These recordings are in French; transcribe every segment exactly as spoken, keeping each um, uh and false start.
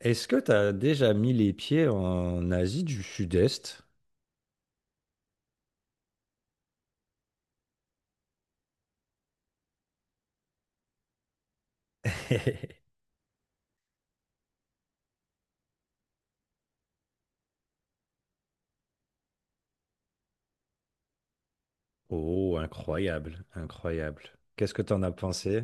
Est-ce que tu as déjà mis les pieds en Asie du Sud-Est? Oh, incroyable, incroyable. Qu'est-ce que tu en as pensé?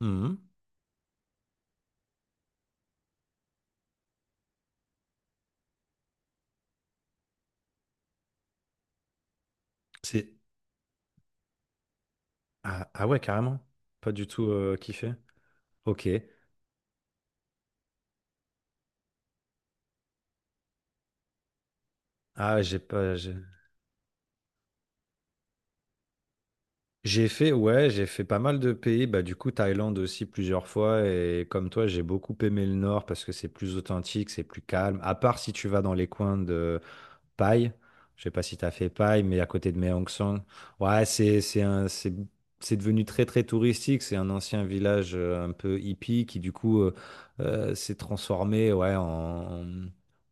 Mhm. C'est... Ah, ah ouais, carrément. Pas du tout euh, kiffé. Ok. Ah, j'ai pas... J'ai j'ai fait, ouais, j'ai fait pas mal de pays. Bah, du coup, Thaïlande aussi plusieurs fois. Et comme toi, j'ai beaucoup aimé le nord parce que c'est plus authentique, c'est plus calme. À part si tu vas dans les coins de Paille. Je sais pas si tu as fait Paille, mais à côté de Mae Song. Ouais, c'est c'est un- c'est c'est devenu très très touristique. C'est un ancien village euh, un peu hippie qui du coup euh, euh, s'est transformé ouais en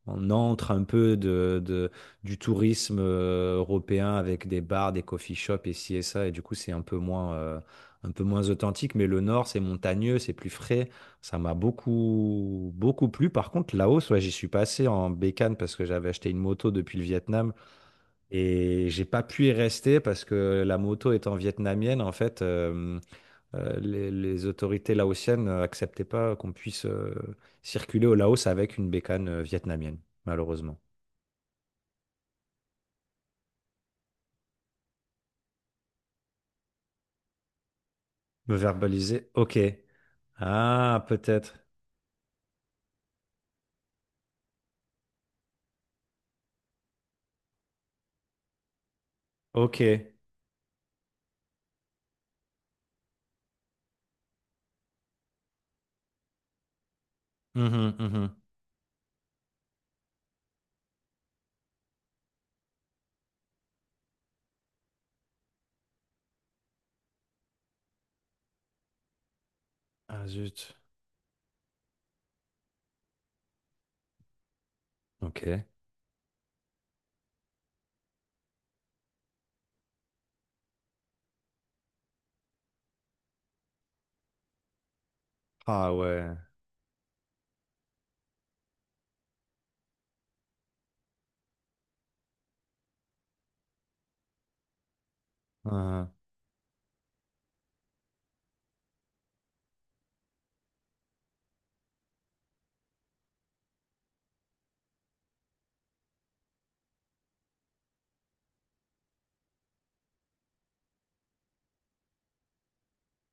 en antre un peu de, de- du tourisme euh, européen avec des bars, des coffee shops et ci et ça. Et du coup, c'est un peu moins euh, un peu moins authentique. Mais le nord, c'est montagneux, c'est plus frais. Ça m'a beaucoup, beaucoup plu. Par contre, Laos, ouais, j'y suis passé en bécane parce que j'avais acheté une moto depuis le Vietnam et j'ai pas pu y rester parce que la moto étant vietnamienne, en fait, euh, euh, les, les autorités laotiennes euh, acceptaient pas qu'on puisse euh, circuler au Laos avec une bécane euh, vietnamienne, malheureusement. Me verbaliser, ok. Ah, peut-être. Ok. Mhm, mhm. Ah, zut. Ok. Ah ouais. Ah.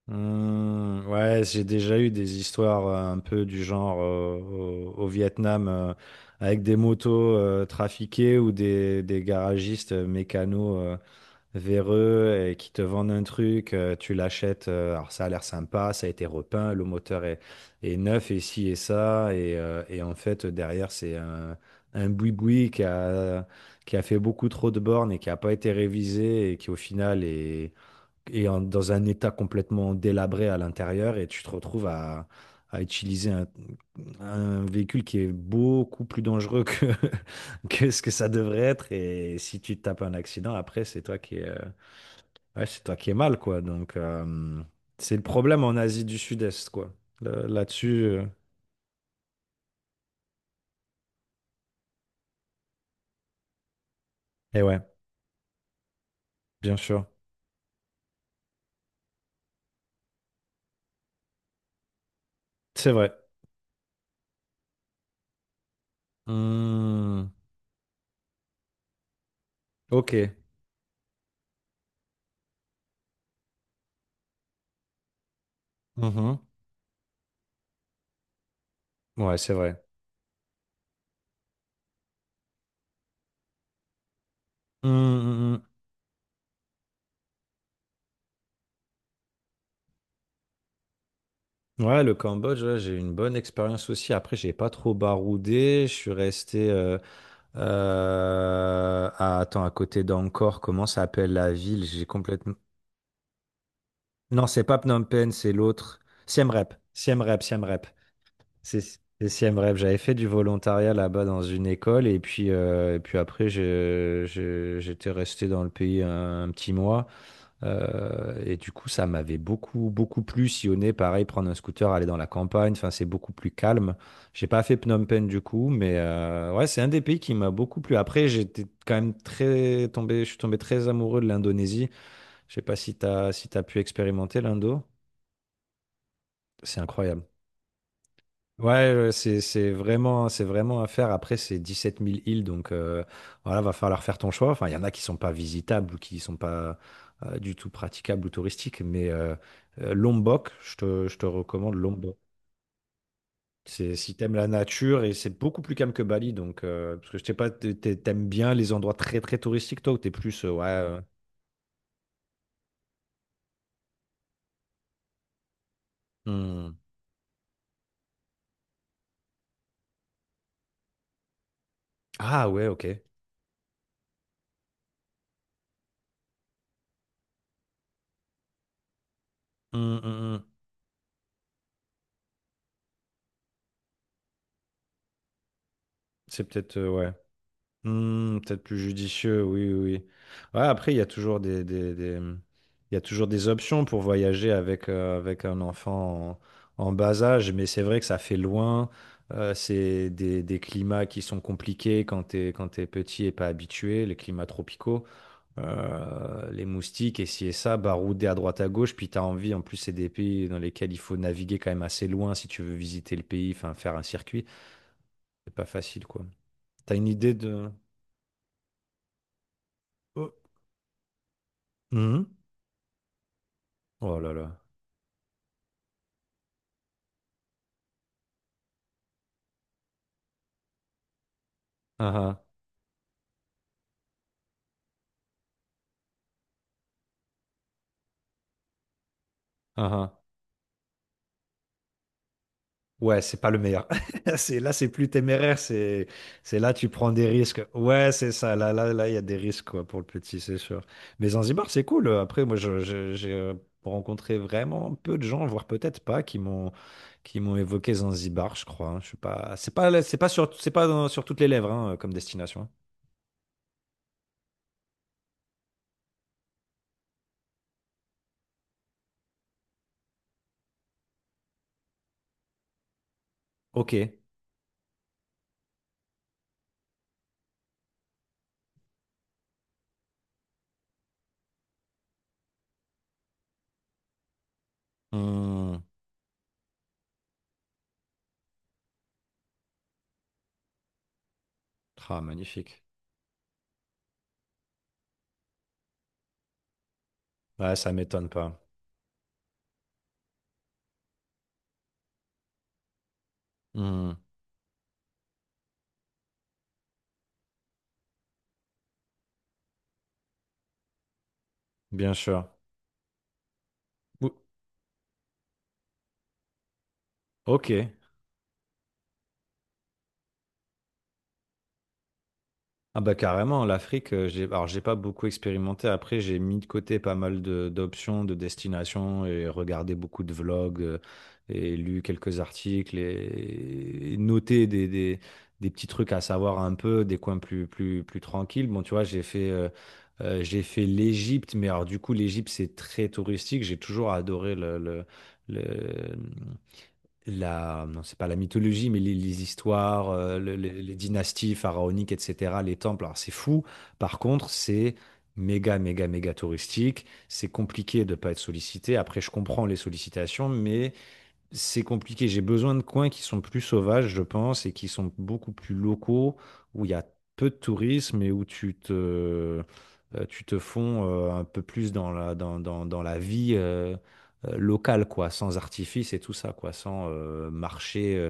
Mmh, ouais, j'ai déjà eu des histoires euh, un peu du genre euh, au, au Vietnam euh, avec des motos euh, trafiquées ou des, des garagistes euh, mécanos euh, véreux et qui te vendent un truc, euh, tu l'achètes, euh, alors ça a l'air sympa, ça a été repeint, le moteur est, est neuf et ci et ça, et, euh, et en fait derrière c'est un, un boui-boui qui a, qui a fait beaucoup trop de bornes et qui n'a pas été révisé et qui au final est et en- dans un état complètement délabré à l'intérieur et tu te retrouves à, à utiliser un, un véhicule qui est beaucoup plus dangereux que, que ce que ça devrait être et si tu te tapes un accident après c'est toi qui es, euh, ouais, c'est toi qui es mal quoi donc euh, c'est le problème en Asie du Sud-Est quoi. Le- là-dessus euh, et ouais bien sûr c'est vrai. Hmm, ok. Mhm. Ouais c'est vrai. Hmm, hmm, hmm. Ouais, le Cambodge, ouais, j'ai eu une bonne expérience aussi. Après, j'ai pas trop baroudé. Je suis resté euh, euh, à, attends, à côté d'Angkor. Comment ça s'appelle la ville? J'ai complètement. Non, c'est pas Phnom Penh, c'est l'autre. Siem Reap. Siem Reap, Siem Reap. C'est c'est Siem Reap. J'avais fait du volontariat là-bas dans une école et puis euh, et puis après, j'ai- j'ai- j'étais resté dans le pays un, un petit mois. Euh, et du coup, ça m'avait beaucoup, beaucoup plu. Sillonner, pareil, prendre un scooter, aller dans la campagne. Enfin, c'est beaucoup plus calme. J'ai pas fait Phnom Penh du coup, mais euh, ouais, c'est un des pays qui m'a beaucoup plu. Après, j'étais quand même très tombé, je suis tombé très amoureux de l'Indonésie. Je sais pas si t'as, si t'as pu expérimenter l'Indo. C'est incroyable. Ouais, ouais, c'est c'est vraiment c'est vraiment à faire. Après, c'est dix-sept mille îles, donc euh, voilà, va falloir faire ton choix. Enfin, il y en a qui sont pas visitables ou qui sont pas euh, du tout praticables ou touristiques, mais euh, euh, Lombok, je te, je te recommande Lombok. C'est si t'aimes la nature et c'est beaucoup plus calme que Bali, donc euh, parce que je sais pas, t'es- t'es- t'aimes bien les endroits très très touristiques toi ou t'es plus euh, ouais. Euh, hmm. Ah ouais, ok. Hmm, hmm, hmm. C'est peut-être euh, ouais. Hmm, peut-être plus judicieux, oui, oui. Oui. Ouais, après, il y a toujours des, des, des- mmh, il y a toujours des options pour voyager avec, euh, avec un enfant en, en bas âge, mais c'est vrai que ça fait loin. Euh, c'est des, des climats qui sont compliqués quand t'es, quand t'es petit et pas habitué, les climats tropicaux. Euh, les moustiques et ci et ça, baroudés à droite à gauche, puis t'as envie, en plus, c'est des pays dans lesquels il faut naviguer quand même assez loin si tu veux visiter le pays, enfin faire un circuit. C'est pas facile, quoi. T'as une idée de... Oh. Mhm. Oh là là. Ah ah, ah ah. Ouais, c'est pas le meilleur. C'est, là, c'est plus téméraire. C'est, c'est là, tu prends des risques. Ouais, c'est ça. Là, là, là, il y a des risques quoi, pour le petit, c'est sûr. Mais Zanzibar, c'est cool. Après, moi, je- je- j'ai euh, rencontré vraiment peu de gens, voire peut-être pas, qui m'ont, qui m'ont évoqué Zanzibar, je crois. Hein. Je suis pas, c'est pas, c'est pas sur, c'est pas dans- sur toutes les lèvres hein, comme destination. Ok. Hmm. Ah, magnifique. Ouais, ça m'étonne pas. Hmm. Bien sûr. Ou- Ok. Ah bah carrément, l'Afrique, euh, j'ai, alors j'ai pas beaucoup expérimenté. Après, j'ai mis de côté pas mal de, d'options, de destinations et regardé beaucoup de vlogs euh, et lu quelques articles et, et noté des, des, des petits trucs à savoir un peu, des coins plus, plus, plus tranquilles. Bon, tu vois, j'ai fait, euh, euh, j'ai fait l'Égypte, mais alors du coup, l'Égypte, c'est très touristique. J'ai toujours adoré le, le, le- la, non, c'est pas la mythologie, mais les, les histoires, euh, le- le- les dynasties pharaoniques, et cetera, les temples, alors c'est fou. Par contre, c'est méga, méga, méga touristique. C'est compliqué de ne pas être sollicité. Après, je comprends les sollicitations, mais c'est compliqué. J'ai besoin de coins qui sont plus sauvages, je pense, et qui sont beaucoup plus locaux, où il y a peu de tourisme et où tu te, euh, tu te fonds euh, un peu plus dans la, dans, dans, dans la vie euh, euh, locale, quoi, sans artifice et tout ça, quoi, sans euh, marcher euh,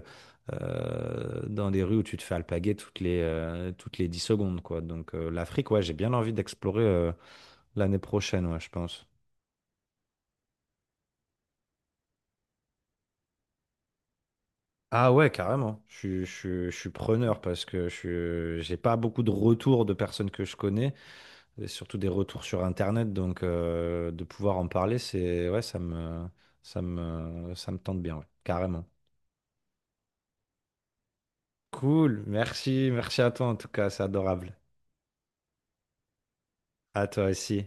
euh, dans des rues où tu te fais alpaguer toutes les, euh, toutes les dix secondes, quoi. Donc euh, l'Afrique, ouais, j'ai bien envie d'explorer euh, l'année prochaine, ouais, je pense. Ah ouais, carrément. Je, suis je suis- je suis preneur parce que je suis- j'ai pas beaucoup de retours de personnes que je connais, et surtout des retours sur Internet, donc euh, de pouvoir en parler, c'est ouais, ça me ça me ça me tente bien, ouais, carrément. Cool, merci, merci à toi en tout cas, c'est adorable. À toi aussi.